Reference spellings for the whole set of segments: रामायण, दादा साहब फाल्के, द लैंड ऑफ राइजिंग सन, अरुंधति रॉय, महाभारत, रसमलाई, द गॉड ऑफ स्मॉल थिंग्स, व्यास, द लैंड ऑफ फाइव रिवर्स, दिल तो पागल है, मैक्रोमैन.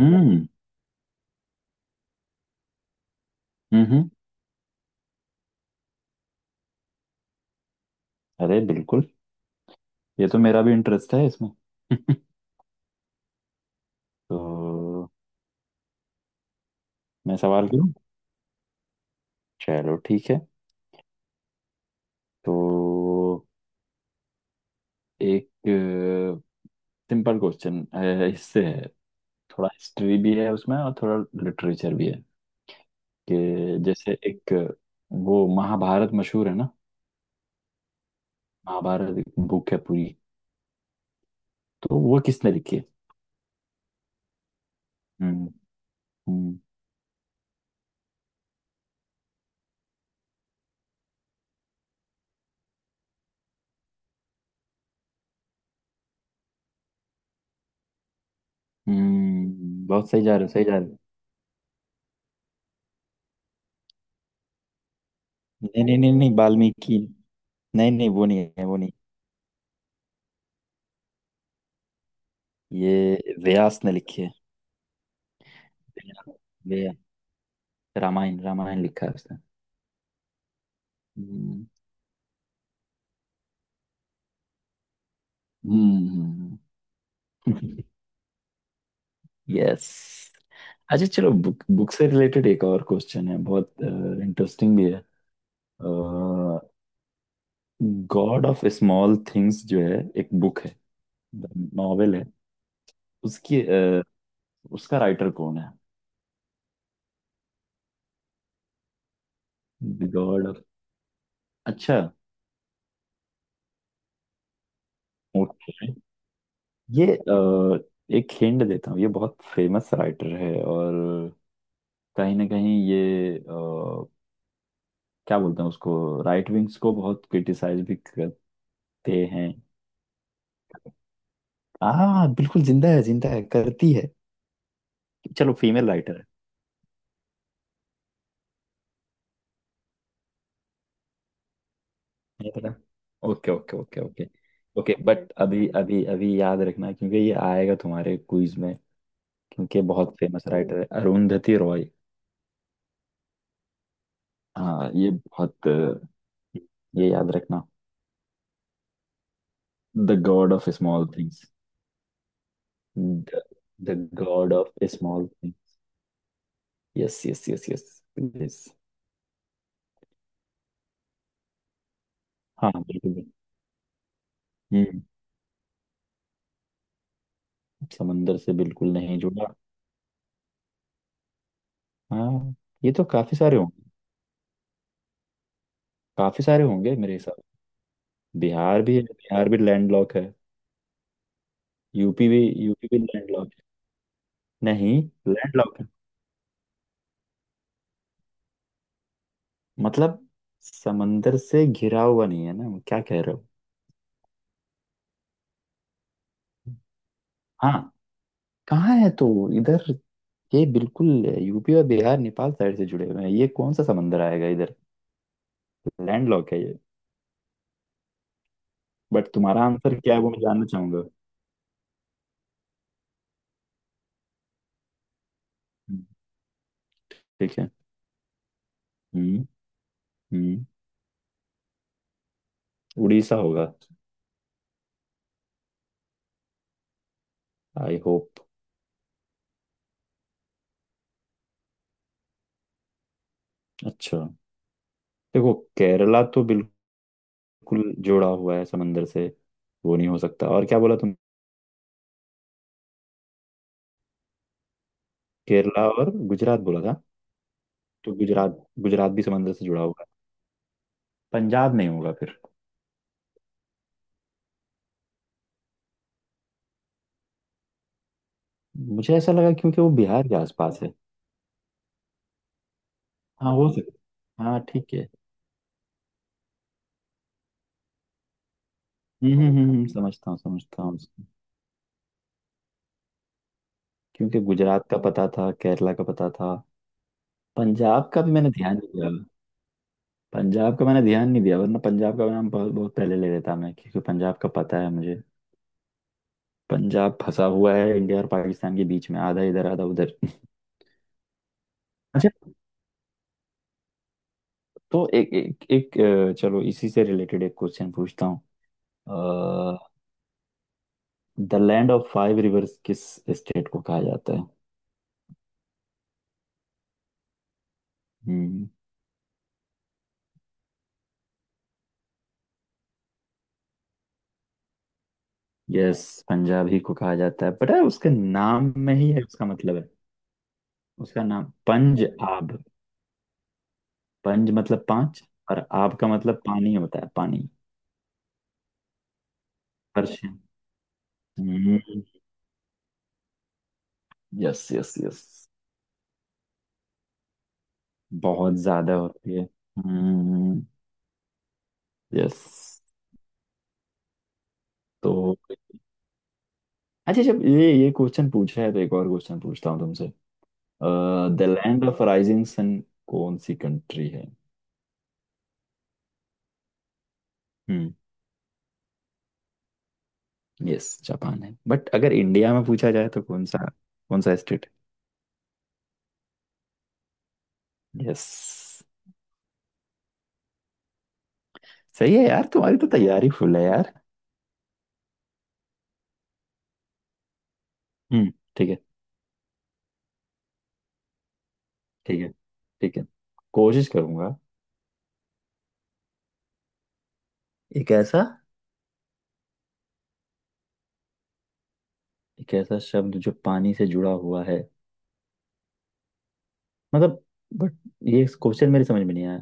हम्म। हम्म। अरे बिल्कुल! ये तो मेरा भी इंटरेस्ट है इसमें। तो मैं सवाल करूं? चलो ठीक है। तो एक सिंपल क्वेश्चन इससे है। थोड़ा हिस्ट्री भी है उसमें और थोड़ा लिटरेचर भी है। कि जैसे एक वो महाभारत मशहूर है ना। महाभारत एक बुक है पूरी, तो वो किसने लिखी है? हम्म। हम्म। बहुत सही जा रहे हो, सही जा रहे हो। नहीं नहीं नहीं नहीं, वाल्मीकि नहीं नहीं, वो नहीं है, वो नहीं। ये व्यास ने लिखी है। व्या, व्या, रामायण रामायण लिखा है उसने। हम्म। हम्म। यस। अच्छा चलो, बुक बुक से रिलेटेड एक और क्वेश्चन है, बहुत इंटरेस्टिंग भी है। गॉड ऑफ स्मॉल थिंग्स जो है, एक बुक है, नॉवेल है। उसकी उसका राइटर कौन है? God of. अच्छा। ओके। ये एक हिंट देता हूँ। ये बहुत फेमस राइटर है, और कहीं ना कहीं ये क्या बोलते हैं उसको, राइट विंग्स को बहुत क्रिटिसाइज भी करते हैं। हाँ बिल्कुल जिंदा है, जिंदा है, करती है। चलो, फीमेल राइटर है। नहीं पता। Okay okay okay okay. Okay but अभी अभी अभी याद रखना क्योंकि ये आएगा तुम्हारे क्विज में, क्योंकि बहुत फेमस राइटर है, अरुंधति रॉय। हाँ ये बहुत ये याद रखना। द गॉड ऑफ स्मॉल थिंग्स। द गॉड ऑफ स्मॉल थिंग्स। Yes yes yes yes. हाँ बिल्कुल भी। हम्म। समंदर से बिल्कुल नहीं जुड़ा? हाँ, ये तो काफी सारे होंगे। काफी सारे होंगे मेरे हिसाब से। बिहार भी है, बिहार भी लैंडलॉक है। यूपी भी, यूपी भी लैंडलॉक है। नहीं, लैंडलॉक है। मतलब समंदर से घिरा हुआ नहीं है ना, क्या कह रहे हो? हाँ। कहाँ है तो? इधर ये बिल्कुल, यूपी और बिहार नेपाल साइड से जुड़े हुए हैं, ये कौन सा समंदर आएगा इधर। लैंडलॉक है ये। बट तुम्हारा आंसर क्या है वो मैं जानना चाहूंगा। हम्म, ठीक है। हम्म। हम्म। उड़ीसा होगा। I hope. अच्छा, देखो केरला तो बिल्कुल जुड़ा हुआ है समंदर से, वो नहीं हो सकता। और क्या बोला तुम, केरला और गुजरात बोला था? तो गुजरात, गुजरात भी समंदर से जुड़ा हुआ है। पंजाब नहीं होगा फिर। मुझे ऐसा लगा क्योंकि वो बिहार के आसपास है। हाँ हो सकता, हाँ ठीक है। समझता हूँ, समझता हूँ उसको। क्योंकि गुजरात का पता था, केरला का पता था, पंजाब का भी मैंने ध्यान नहीं दिया। पंजाब का मैंने ध्यान नहीं दिया, वरना पंजाब का नाम बहुत बहुत पहले ले लेता मैं, क्योंकि पंजाब का पता है मुझे। पंजाब फंसा हुआ है इंडिया और पाकिस्तान के बीच में, आधा इधर आधा उधर। अच्छा। तो एक एक एक अ, चलो इसी से रिलेटेड एक क्वेश्चन पूछता हूँ। द लैंड ऑफ फाइव रिवर्स किस स्टेट को कहा जाता है? हम्म। यस, पंजाब ही को कहा जाता है। पता है, उसके नाम में ही है, उसका मतलब है। उसका नाम पंज आब। पंज मतलब पांच, और आब का मतलब पानी होता है, पानी। पर्शियन। Yes yes yes. बहुत ज्यादा होती है। हम्म। यस। तो अच्छा, जब ये क्वेश्चन पूछा है तो एक और क्वेश्चन पूछता हूँ तुमसे। द लैंड ऑफ राइजिंग सन कौन सी कंट्री है? हम्म। यस, जापान है। बट अगर इंडिया में पूछा जाए तो कौन सा, कौन सा स्टेट? यस, सही है यार, तुम्हारी तो तैयारी फुल है यार। हम्म। ठीक है। ठीक है ठीक है, कोशिश करूंगा। एक ऐसा, एक ऐसा शब्द जो पानी से जुड़ा हुआ है? मतलब, बट ये क्वेश्चन मेरे समझ में नहीं आया।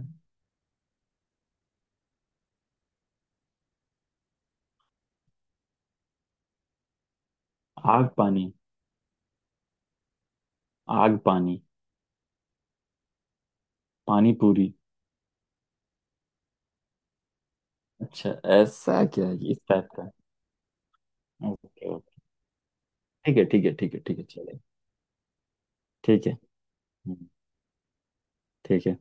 आग पानी। आग पानी। पानी पूरी। अच्छा, ऐसा क्या है इस टाइप का। ओके ओके, ठीक है ठीक है ठीक है ठीक है, चले। ठीक है। हम्म, ठीक है।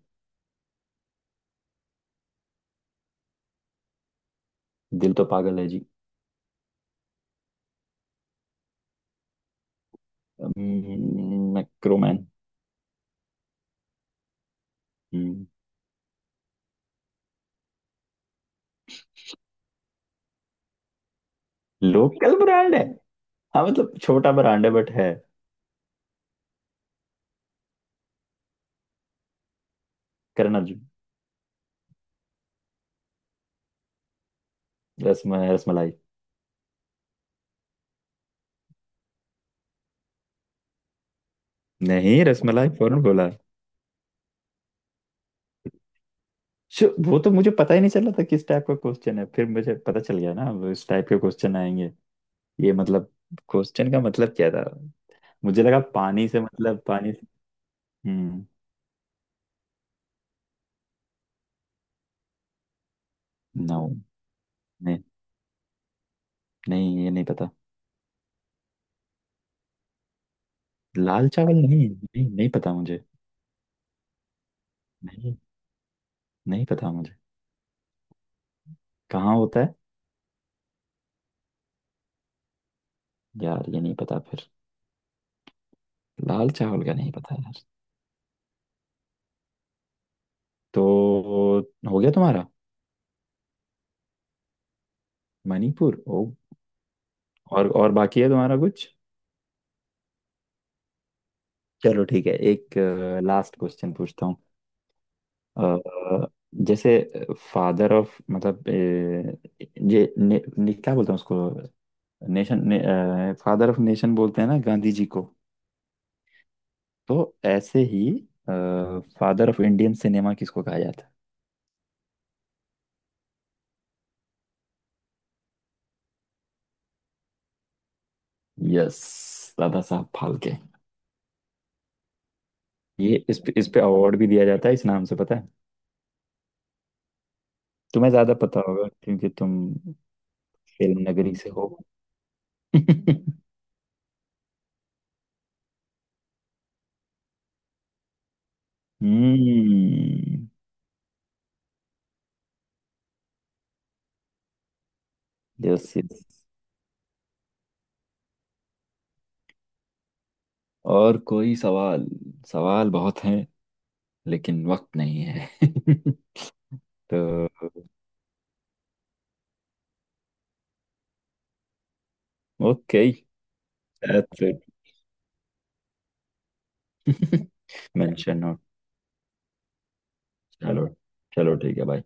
दिल तो पागल है जी। मैक्रोमैन। हम्म, लोकल ब्रांड है। हाँ मतलब छोटा ब्रांड है, बट है। करना जी। रसम, रसमलाई। नहीं, रसमलाई फौरन बोला। वो तो मुझे पता ही नहीं चला था किस टाइप का क्वेश्चन है, फिर मुझे पता चल गया ना वो इस टाइप के क्वेश्चन आएंगे। ये मतलब, क्वेश्चन का मतलब क्या था? मुझे लगा पानी से मतलब पानी से। हम्म। नो, नहीं ये नहीं पता। लाल चावल नहीं नहीं, नहीं पता मुझे। नहीं, नहीं पता मुझे, कहाँ होता है? यार, ये नहीं पता फिर। लाल चावल का नहीं पता यार। तो हो गया तुम्हारा? मणिपुर, ओ। और बाकी है तुम्हारा कुछ? चलो ठीक है, एक लास्ट क्वेश्चन पूछता हूँ। अ, जैसे फादर ऑफ, मतलब ये क्या बोलते हैं उसको, नेशन, फादर ऑफ नेशन बोलते हैं ना गांधी जी को। तो ऐसे ही, फादर ऑफ इंडियन सिनेमा किसको कहा जाता है? यस, दादा साहब फाल्के। ये इस पे, इस पे अवार्ड भी दिया जाता है इस नाम से, पता है? तुम्हें ज्यादा पता होगा क्योंकि तुम फिल्म नगरी से हो। हम्म। Yes yes. और कोई सवाल? सवाल बहुत हैं, लेकिन वक्त नहीं है। तो okay, that's it. Mention note. चलो। चलो ठीक है भाई।